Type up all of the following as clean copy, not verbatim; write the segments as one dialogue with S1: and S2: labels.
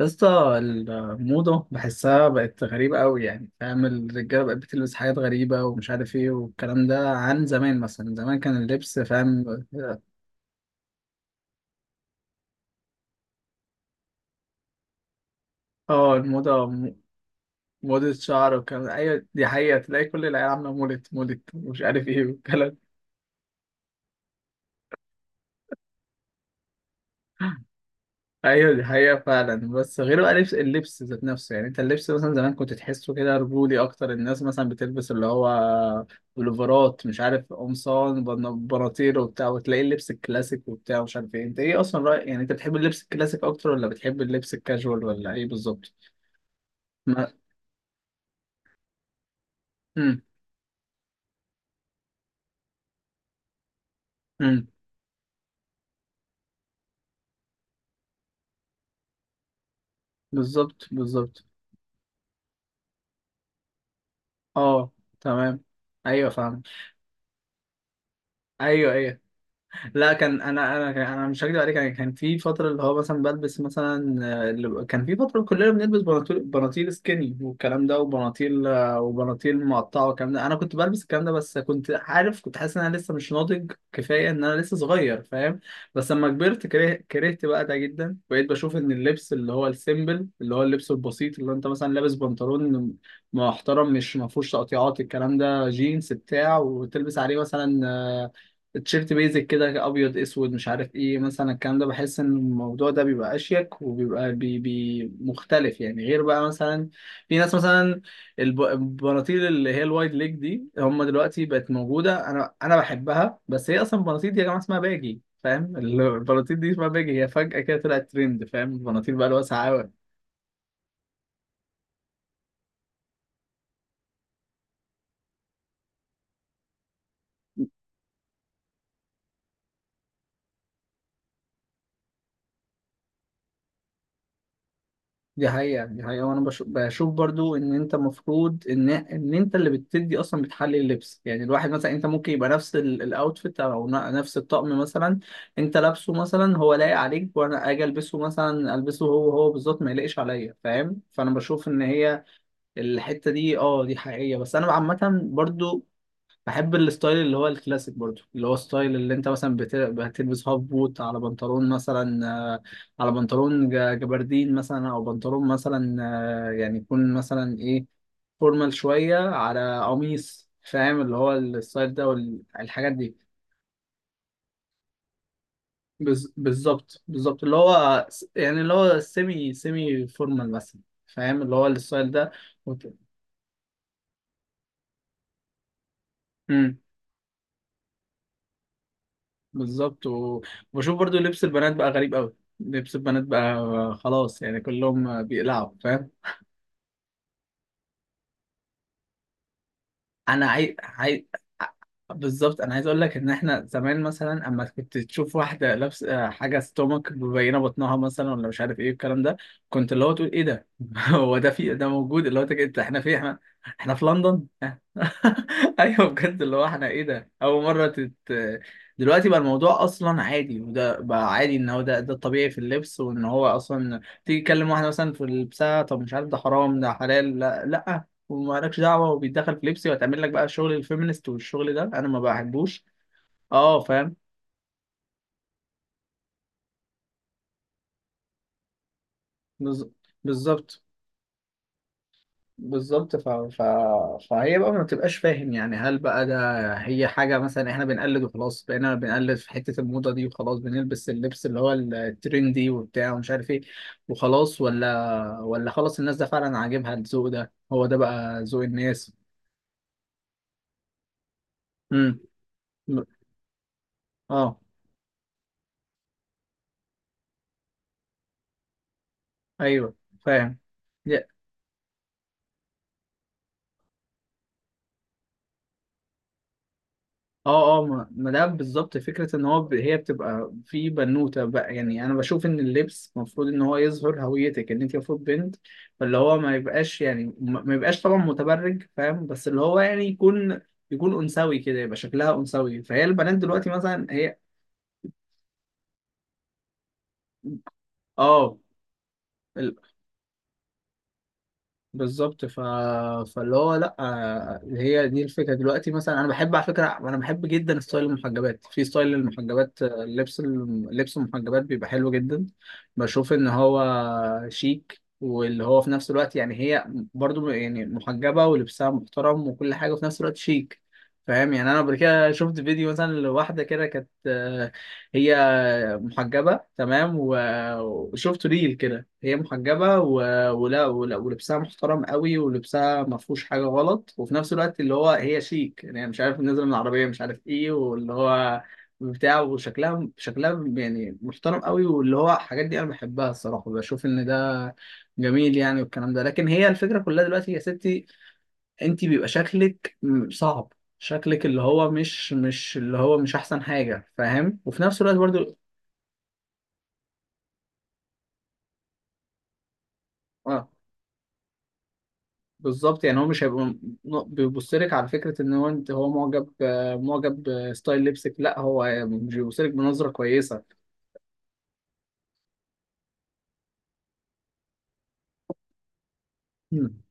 S1: يا اسطى، الموضة بحسها بقت غريبة قوي، يعني فاهم؟ الرجالة بقت بتلبس حاجات غريبة ومش عارف ايه، والكلام ده عن زمان. مثلا زمان كان اللبس فاهم. اه الموضة موضة شعر والكلام ده. ايوه دي حقيقة، تلاقي كل العيال عاملة مولت مولت ومش عارف ايه والكلام. ايوه دي حقيقة فعلا، بس غير بقى لبس، اللبس ذات نفسه. يعني انت اللبس مثلا زمان كنت تحسه كده رجولي اكتر، الناس مثلا بتلبس اللي هو بلوفرات، مش عارف، قمصان، بناطيل وبتاع، وتلاقي اللبس الكلاسيك وبتاع ومش عارف ايه. انت ايه اصلا رأيك، يعني انت بتحب اللبس الكلاسيك اكتر ولا بتحب اللبس الكاجوال ولا ايه بالظبط؟ ما، امم امم بالظبط بالظبط. اه، تمام. ايوه فاهم. ايوه ايوه. لا كان، انا مش هكدب عليك، يعني كان في فتره اللي هو مثلا بلبس مثلا كان في فتره كلنا بنلبس بناطيل، سكيني والكلام ده، وبناطيل وبناطيل مقطعه والكلام ده. انا كنت بلبس الكلام ده، بس كنت عارف، كنت حاسس ان انا لسه مش ناضج كفايه، ان انا لسه صغير فاهم. بس لما كبرت كرهت بقى ده جدا، بقيت بشوف ان اللبس اللي هو السيمبل، اللي هو اللبس البسيط، اللي انت مثلا لابس بنطلون محترم مش ما فيهوش تقطيعات الكلام ده، جينز بتاع، وتلبس عليه مثلا تيشيرت بيزك كده، ابيض اسود مش عارف ايه مثلا الكلام ده، بحس ان الموضوع ده بيبقى اشيك وبيبقى بي مختلف. يعني غير بقى مثلا في ناس مثلا البناطيل اللي هي الوايد ليج دي، هم دلوقتي بقت موجوده، انا بحبها. بس هي اصلا البناطيل دي يا جماعه اسمها باجي، فاهم؟ البناطيل دي اسمها باجي، هي فجاه كده طلعت ترند، فاهم؟ البناطيل بقى الواسعه. دي حقيقة، دي حقيقة. وأنا بشوف برضو إن أنت المفروض إن أنت اللي بتدي أصلا، بتحلي اللبس. يعني الواحد مثلا أنت ممكن يبقى نفس الأوتفيت أو نفس الطقم مثلا أنت لابسه، مثلا هو لايق عليك، وأنا أجي ألبسه مثلا، هو هو بالظبط ما يلاقيش عليا، فاهم؟ فأنا بشوف إن هي الحتة دي أه دي حقيقية. بس أنا عامة برضو بحب الستايل اللي هو الكلاسيك برضو، اللي هو الستايل اللي انت مثلا بتلبس هاف بوت على بنطلون مثلا، آه، على بنطلون جبردين مثلا، او بنطلون مثلا يعني يكون مثلا ايه فورمال شوية على قميص، فاهم؟ اللي هو الستايل ده والحاجات دي. بالظبط بالظبط. اللي هو يعني اللي هو سيمي فورمال مثلا. فاهم اللي هو الستايل ده. وت- بالظبط. وبشوف برضو لبس البنات بقى غريب قوي. لبس البنات بقى خلاص، يعني كلهم بيقلعوا فاهم. انا عاي... عاي... بالظبط انا عايز اقول لك ان احنا زمان مثلا اما كنت تشوف واحده لابسه حاجه ستومك مبينه بطنها مثلا، ولا مش عارف ايه الكلام ده، كنت اللي هو تقول ايه ده؟ هو ده في؟ ده موجود؟ اللي هو انت، احنا، احنا في لندن؟ ايوه بجد، اللي هو احنا ايه ده، اول مره دلوقتي بقى الموضوع اصلا عادي، وده بقى عادي ان هو ده، ده الطبيعي في اللبس. وان هو اصلا تيجي تكلم واحده مثلا في لبسها، طب مش عارف ده حرام ده حلال، لا لا، ومالكش دعوه، وبيتدخل في لبسي، وهتعمل لك بقى شغل الفيمينست والشغل ده، انا ما بحبوش. اه فاهم. بز- بالظبط بالظبط. فهي بقى ما بتبقاش فاهم. يعني هل بقى ده هي حاجة مثلا احنا بنقلد وخلاص، بقينا بنقلد في حتة الموضة دي وخلاص، بنلبس اللبس اللي هو الترندي وبتاع ومش عارف ايه وخلاص، ولا خلاص الناس ده فعلا عاجبها الذوق ده، هو ده بقى ذوق الناس؟ امم اه. ايوه فاهم. اه اه، ما ده بالظبط فكرة ان هو هي بتبقى في بنوتة بقى. يعني انا بشوف ان اللبس المفروض ان هو يظهر هويتك، ان انت المفروض بنت، فاللي هو ما يبقاش، يعني ما يبقاش طبعا متبرج، فاهم؟ بس اللي هو يعني يكون، يكون انثوي كده، يبقى شكلها انثوي. فهي البنات دلوقتي مثلا هي، اه بالظبط. فاللي هو لا، اللي هي دي الفكره دلوقتي. مثلا انا بحب، على فكره، انا بحب جدا ستايل المحجبات، في ستايل المحجبات، لبس لبس المحجبات بيبقى حلو جدا. بشوف ان هو شيك، واللي هو في نفس الوقت يعني هي برضو يعني محجبه ولبسها محترم وكل حاجه وفي نفس الوقت شيك، فاهم؟ يعني انا قبل كده شفت فيديو مثلا لواحده كده، كانت هي محجبة تمام وشفت ريل كده، هي محجبة ولبسها محترم قوي، ولبسها ما فيهوش حاجة غلط، وفي نفس الوقت اللي هو هي شيك. يعني مش عارف نازلة من العربية مش عارف ايه، واللي هو بتاع، وشكلها، شكلها يعني محترم قوي، واللي هو الحاجات دي انا بحبها الصراحة. بشوف ان ده جميل يعني والكلام ده. لكن هي الفكرة كلها دلوقتي يا ستي، انت بيبقى شكلك صعب، شكلك اللي هو مش اللي هو مش احسن حاجة، فاهم؟ وفي نفس الوقت برضو اه بالظبط. يعني هو مش هيبقى، بيبص لك على فكره ان هو انت هو معجب، معجب بستايل لبسك، لا هو مش بيبص لك بنظره كويسه. امم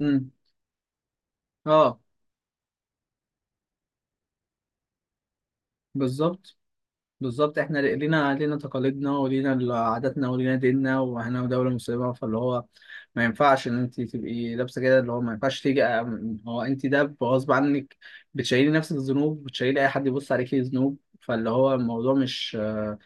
S1: امم اه بالظبط. بالظبط احنا لينا، لينا تقاليدنا ولينا عاداتنا ولينا ديننا، واحنا دولة مسلمة، فاللي هو ما ينفعش ان انت تبقي لابسة كده، اللي هو ما ينفعش تيجي هو انت ده غصب عنك، بتشيلي نفسك ذنوب، بتشيلي اي حد يبص عليكي ذنوب. فاللي هو الموضوع مش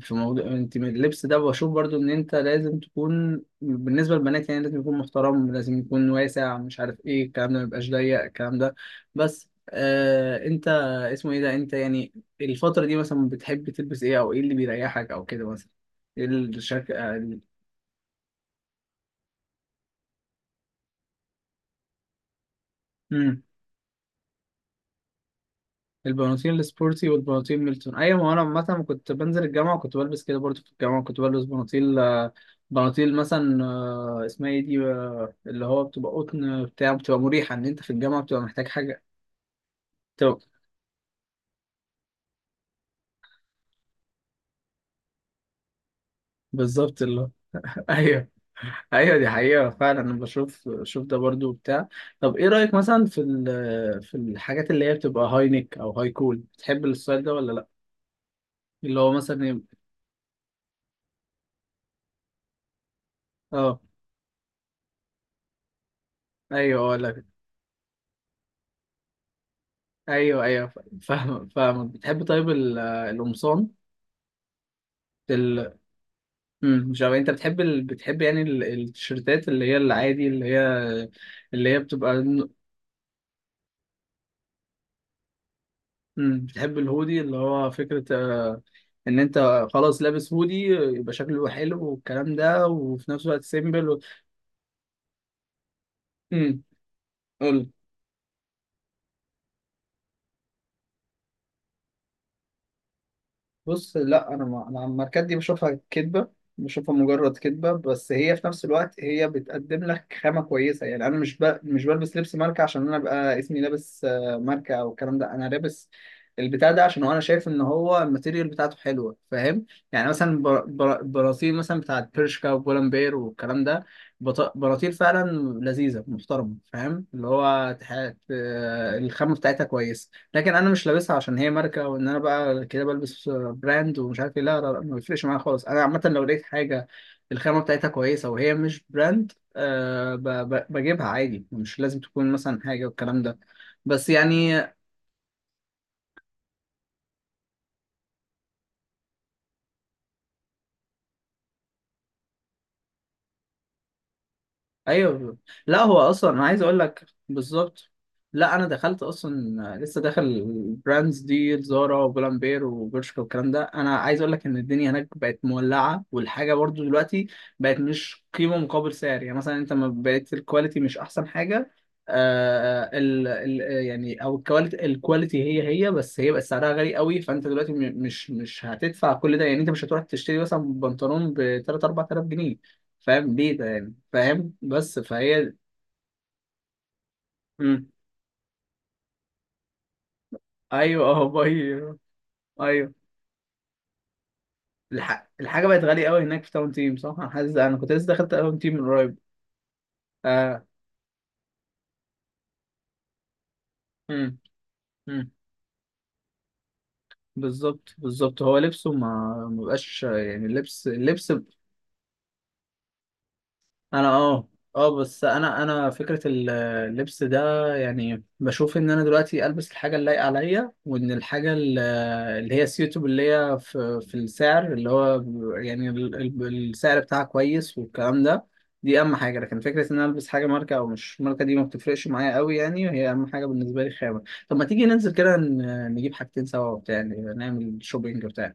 S1: في موضوع، انت من اللبس ده بشوف برضو ان انت لازم تكون بالنسبة للبنات يعني لازم يكون محترم، لازم يكون واسع مش عارف ايه الكلام ده، ما يبقاش ضيق الكلام ده. بس آه انت اسمه ايه ده، انت يعني الفترة دي مثلا بتحب تلبس ايه، او ايه اللي بيريحك او كده مثلا، ايه الشكل مم. البناطيل السبورتي والبناطيل ميلتون، ايوه ما انا عامة كنت بنزل الجامعة وكنت بلبس كده برضو. في الجامعة كنت بلبس بناطيل بناطيل مثلا اسمها ايه دي اللي هو بتبقى قطن بتاع، بتبقى مريحة، ان انت في الجامعة بتبقى محتاج حاجة. بتبقى بالظبط اللي، ايوه ايوه دي حقيقة فعلا. انا بشوف، شوف ده برضو بتاع. طب ايه رأيك مثلا في في الحاجات اللي هي بتبقى هاي نيك او هاي كول، بتحب الستايل ده ولا لا؟ اللي هو مثلا اه، ايوه ولا. ايوه ايوه. فاهم فاهم. بتحب طيب القمصان؟ ال... مش عارف انت بتحب بتحب يعني التيشيرتات اللي هي العادي، اللي هي اللي هي بتبقى، بتحب الهودي، اللي هو فكرة ان انت خلاص لابس هودي يبقى شكله حلو والكلام ده، وفي نفس الوقت سيمبل امم بص لا، انا ما انا الماركات دي بشوفها كدبه، بشوفها مجرد كدبه. بس هي في نفس الوقت هي بتقدم لك خامه كويسه. يعني انا مش بلبس لبس ماركه عشان انا ابقى اسمي لابس ماركه او الكلام ده، انا لابس البتاع ده عشان هو انا شايف ان هو الماتيريال بتاعته حلوه، فاهم؟ يعني مثلا براطيل مثلا بتاعت برشكا وبولمبير والكلام ده، براطيل فعلا لذيذه محترمه، فاهم؟ اللي هو الخامه بتاعتها كويسه. لكن انا مش لابسها عشان هي ماركه، وان انا بقى كده بلبس براند ومش عارف ايه، لا لا لا، ما بيفرقش معايا خالص. انا عامه لو لقيت حاجه الخامه بتاعتها كويسه وهي مش براند أه، بجيبها عادي، مش لازم تكون مثلا حاجه والكلام ده. بس يعني ايوه، لا هو اصلا انا عايز اقول لك بالظبط، لا انا دخلت اصلا لسه داخل البراندز دي زارا وبولامبير وبرشكا والكلام ده، انا عايز اقول لك ان الدنيا هناك بقت مولعه، والحاجه برضو دلوقتي بقت مش قيمه مقابل سعر. يعني مثلا انت ما بقت الكواليتي مش احسن حاجه، آه ال يعني او الكواليتي، هي هي، بس هي بقت سعرها غالي قوي. فانت دلوقتي مش هتدفع كل ده، يعني انت مش هتروح تشتري مثلا بنطلون ب 3 4000 جنيه، فاهم ليه ده يعني؟ فاهم بس فهي، مم. ايوه، اه باي. ايوه، الحاجه بقت غاليه قوي هناك في تاون تيم، صح؟ انا حاسس، انا كنت لسه دخلت تاون تيم من قريب. آه. مم. مم. بالظبط بالظبط، هو لبسه ما مبقاش. يعني اللبس، اللبس انا اه، اه بس انا، انا فكره اللبس ده، يعني بشوف ان انا دلوقتي البس الحاجه اللايقه عليا، وان الحاجه اللي هي سيوتب، اللي هي في في السعر اللي هو، يعني السعر بتاعها كويس والكلام ده. دي اهم حاجه، لكن فكره ان انا البس حاجه ماركه او مش ماركه دي ما بتفرقش معايا قوي. يعني هي اهم حاجه بالنسبه لي خامه. طب ما تيجي ننزل كده نجيب حاجتين سوا وبتاع، يعني نعمل شوبينج بتاع.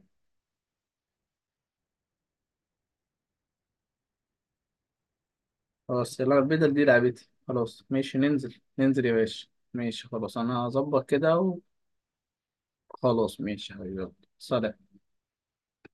S1: خلاص، يلا البدل دي لعبتي، خلاص ماشي، ننزل يا باشا. ماشي خلاص، انا هظبط كده. وخلاص ماشي يا حبيبي، يلا. سلام.